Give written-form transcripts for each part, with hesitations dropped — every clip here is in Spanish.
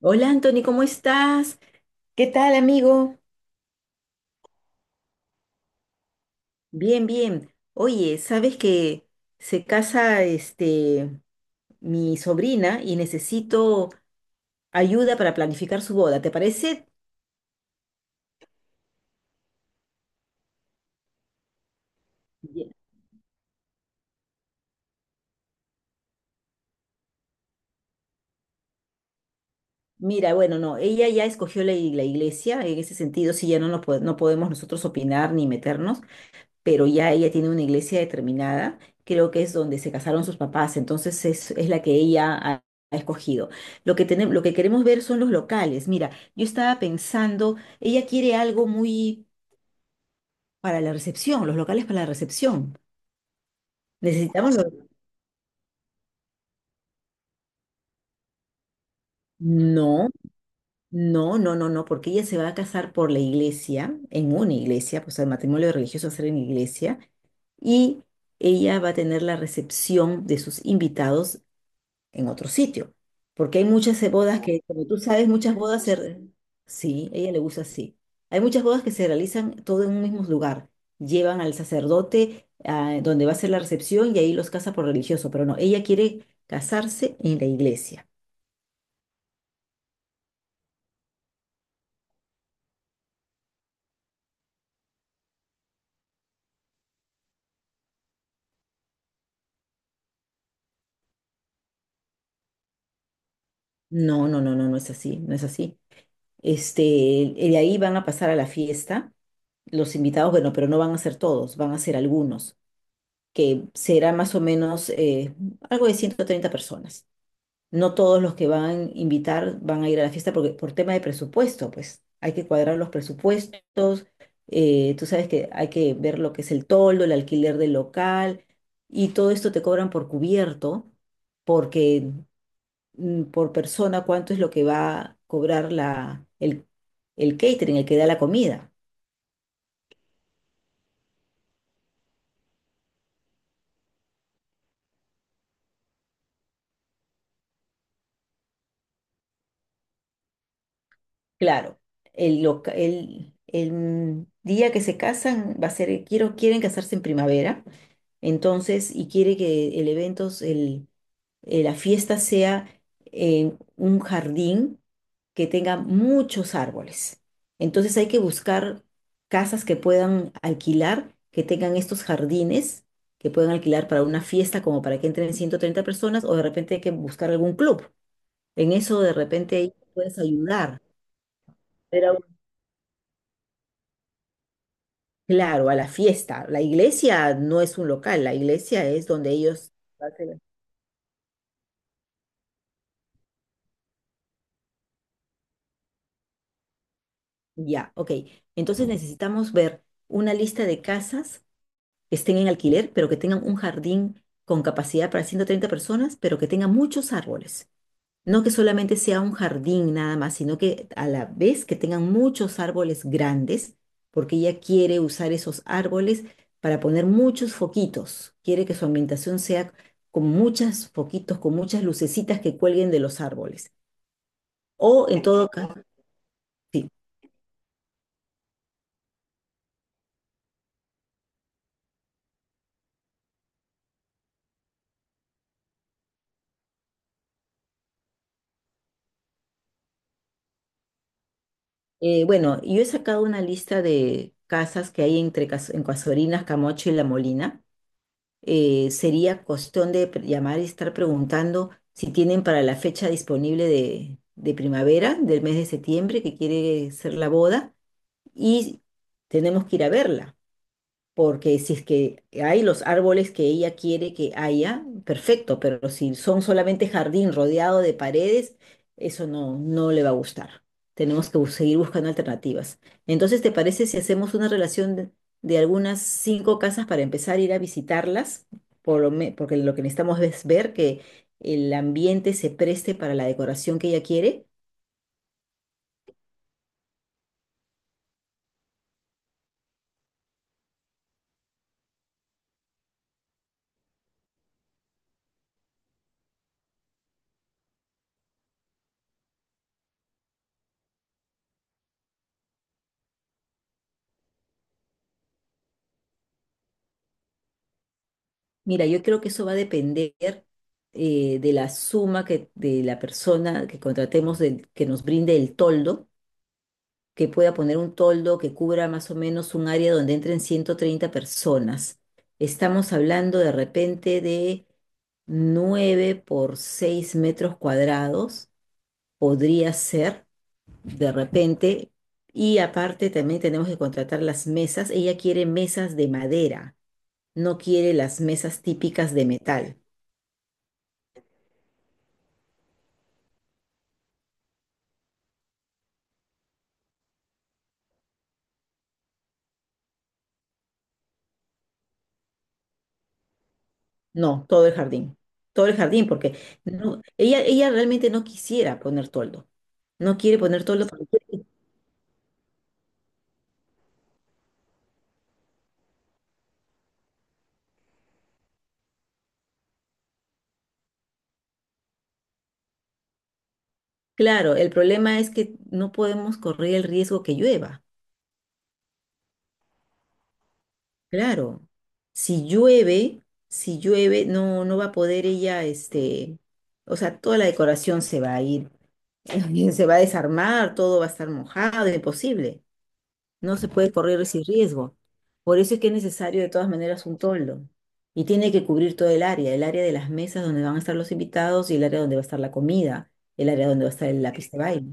Hola Anthony, ¿cómo estás? ¿Qué tal, amigo? Bien, bien. Oye, sabes que se casa mi sobrina y necesito ayuda para planificar su boda, ¿te parece? Ya. Mira, bueno, no, ella ya escogió la iglesia, en ese sentido sí ya no, no podemos nosotros opinar ni meternos. Pero ya ella tiene una iglesia determinada, creo que es donde se casaron sus papás, entonces es la que ella ha escogido. Lo que tenemos, lo que queremos ver son los locales. Mira, yo estaba pensando, ella quiere algo muy para la recepción, los locales para la recepción. Necesitamos los... No, no, no, no, no, porque ella se va a casar por la iglesia, en una iglesia, pues el matrimonio religioso va a ser en iglesia, y ella va a tener la recepción de sus invitados en otro sitio. Porque hay muchas bodas que, como tú sabes, muchas bodas se... re- Sí, a ella le gusta así. Hay muchas bodas que se realizan todo en un mismo lugar. Llevan al sacerdote a donde va a ser la recepción y ahí los casa por religioso. Pero no, ella quiere casarse en la iglesia. No, no, no, no, no es así, no es así. Este, y de ahí van a pasar a la fiesta los invitados, bueno, pero no van a ser todos, van a ser algunos, que será más o menos algo de 130 personas. No todos los que van a invitar van a ir a la fiesta porque por tema de presupuesto, pues hay que cuadrar los presupuestos. Tú sabes que hay que ver lo que es el toldo, el alquiler del local y todo esto te cobran por cubierto, porque por persona cuánto es lo que va a cobrar el catering, el que da la comida. Claro, el día que se casan va a ser, quieren casarse en primavera. Entonces, y quiere que el evento, la fiesta sea en un jardín que tenga muchos árboles. Entonces hay que buscar casas que puedan alquilar, que tengan estos jardines, que puedan alquilar para una fiesta como para que entren 130 personas o de repente hay que buscar algún club. En eso de repente ahí puedes ayudar. Pero claro, a la fiesta. La iglesia no es un local, la iglesia es donde ellos... hacen. Ya, ok. Entonces necesitamos ver una lista de casas que estén en alquiler, pero que tengan un jardín con capacidad para 130 personas, pero que tengan muchos árboles. No que solamente sea un jardín nada más, sino que a la vez que tengan muchos árboles grandes, porque ella quiere usar esos árboles para poner muchos foquitos. Quiere que su ambientación sea con muchos foquitos, con muchas lucecitas que cuelguen de los árboles. O en todo Entiendo. Caso, sí. Bueno, yo he sacado una lista de casas que hay entre Cas- en Casuarinas, Camocho y La Molina. Sería cuestión de llamar y estar preguntando si tienen para la fecha disponible de primavera, del mes de septiembre, que quiere ser la boda, y tenemos que ir a verla. Porque si es que hay los árboles que ella quiere que haya, perfecto, pero si son solamente jardín rodeado de paredes, eso no, no le va a gustar. Tenemos que seguir buscando alternativas. Entonces, ¿te parece si hacemos una relación de algunas cinco casas para empezar a ir a visitarlas? Por porque lo que necesitamos es ver que el ambiente se preste para la decoración que ella quiere. Mira, yo creo que eso va a depender de la suma que de la persona que contratemos que nos brinde el toldo, que pueda poner un toldo que cubra más o menos un área donde entren 130 personas. Estamos hablando de repente de 9 por 6 metros cuadrados, podría ser de repente. Y aparte también tenemos que contratar las mesas. Ella quiere mesas de madera, no quiere las mesas típicas de metal. No, todo el jardín. Todo el jardín, porque no, ella realmente no quisiera poner toldo. No quiere poner toldo porque, claro, el problema es que no podemos correr el riesgo que llueva. Claro. Si llueve, si llueve, no, no va a poder ella, este, o sea, toda la decoración se va a ir, se va a desarmar, todo va a estar mojado, imposible. No se puede correr ese riesgo. Por eso es que es necesario de todas maneras un toldo. Y tiene que cubrir todo el área de las mesas donde van a estar los invitados y el área donde va a estar la comida, el área donde va a estar el lápiz de baile.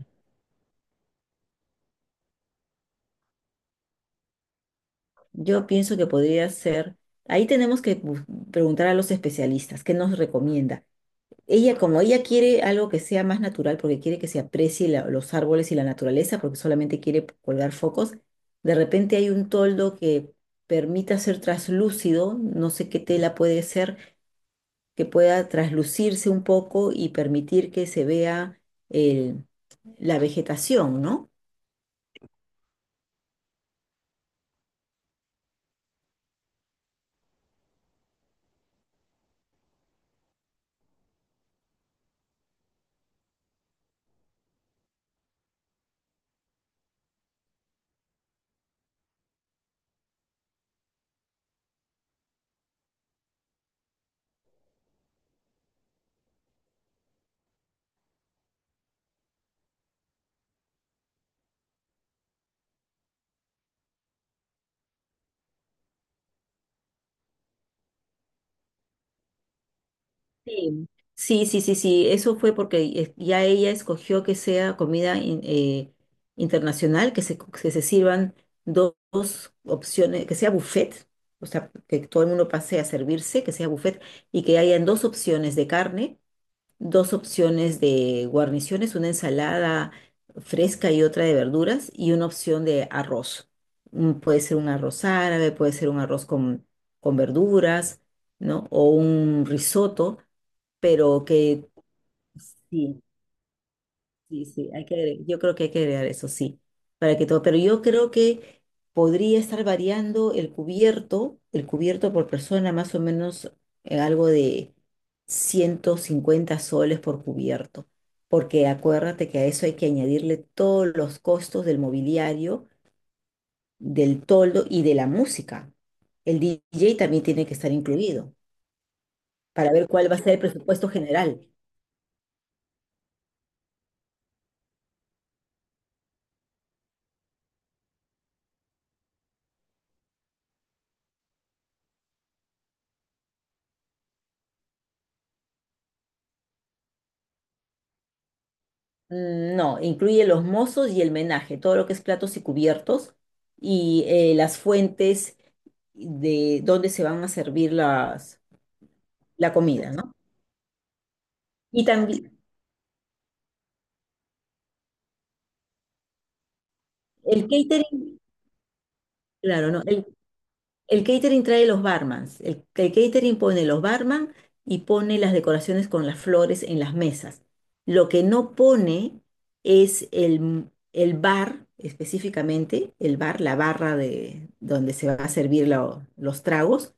Yo pienso que podría ser, ahí tenemos que preguntar a los especialistas qué nos recomienda. Como ella quiere algo que sea más natural, porque quiere que se aprecie los árboles y la naturaleza, porque solamente quiere colgar focos, de repente hay un toldo que permita ser traslúcido, no sé qué tela puede ser, que pueda traslucirse un poco y permitir que se vea el- la vegetación, ¿no? Sí, sí, sí, sí, sí, eso fue porque ya ella escogió que sea comida internacional, que se, que se sirvan dos opciones, que sea buffet, o sea, que todo el mundo pase a servirse, que sea buffet, y que hayan dos opciones de carne, dos opciones de guarniciones, una ensalada fresca y otra de verduras, y una opción de arroz. Puede ser un arroz árabe, puede ser un arroz con verduras, ¿no? O un risotto pero que sí, sí, sí, hay que yo creo que hay que agregar eso, sí, para que todo, pero yo creo que podría estar variando el cubierto por persona, más o menos algo de 150 soles por cubierto, porque acuérdate que a eso hay que añadirle todos los costos del mobiliario, del toldo y de la música. El DJ también tiene que estar incluido para ver cuál va a ser el presupuesto general. No, incluye los mozos y el menaje, todo lo que es platos y cubiertos y las fuentes de donde se van a servir la comida, ¿no? Y también el catering, claro, ¿no? El catering trae los barmans. El catering pone los barman y pone las decoraciones con las flores en las mesas. Lo que no pone es el bar, específicamente, el bar, la barra de donde se va a servir los tragos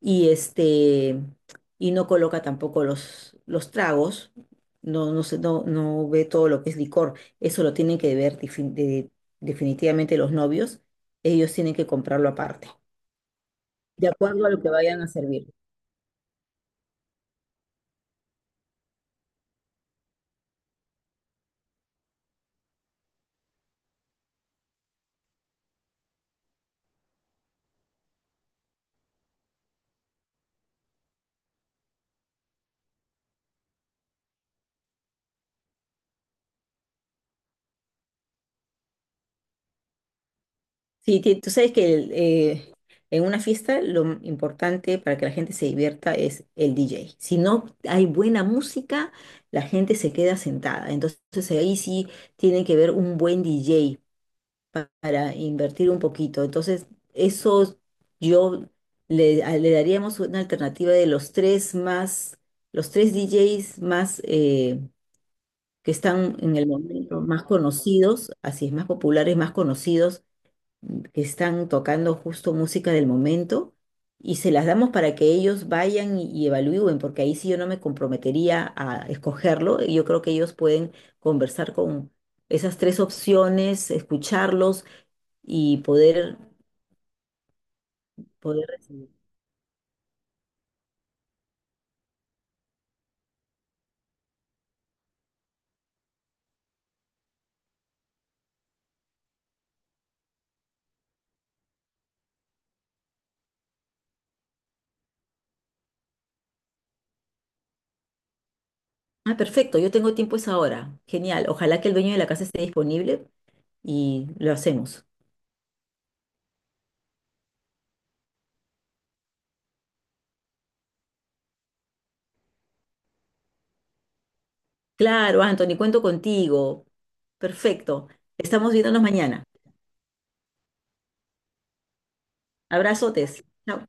y este y no coloca tampoco los tragos, no, no sé, no, no ve todo lo que es licor, eso lo tienen que ver definitivamente los novios, ellos tienen que comprarlo aparte, de acuerdo a lo que vayan a servir. Sí, tú sabes que en una fiesta lo importante para que la gente se divierta es el DJ. Si no hay buena música, la gente se queda sentada. Entonces ahí sí tiene que ver un buen DJ para invertir un poquito. Entonces, eso yo le daríamos una alternativa de los tres más, los tres DJs más que están en el momento más conocidos, así es, más populares, más conocidos, que están tocando justo música del momento. Y se las damos para que ellos vayan y evalúen, porque ahí sí yo no me comprometería a escogerlo. Yo creo que ellos pueden conversar con esas tres opciones, escucharlos y poder, poder recibir. Ah, perfecto, yo tengo tiempo esa hora. Genial. Ojalá que el dueño de la casa esté disponible y lo hacemos. Claro, Anthony, cuento contigo. Perfecto. Estamos viéndonos mañana. Abrazotes. Chao.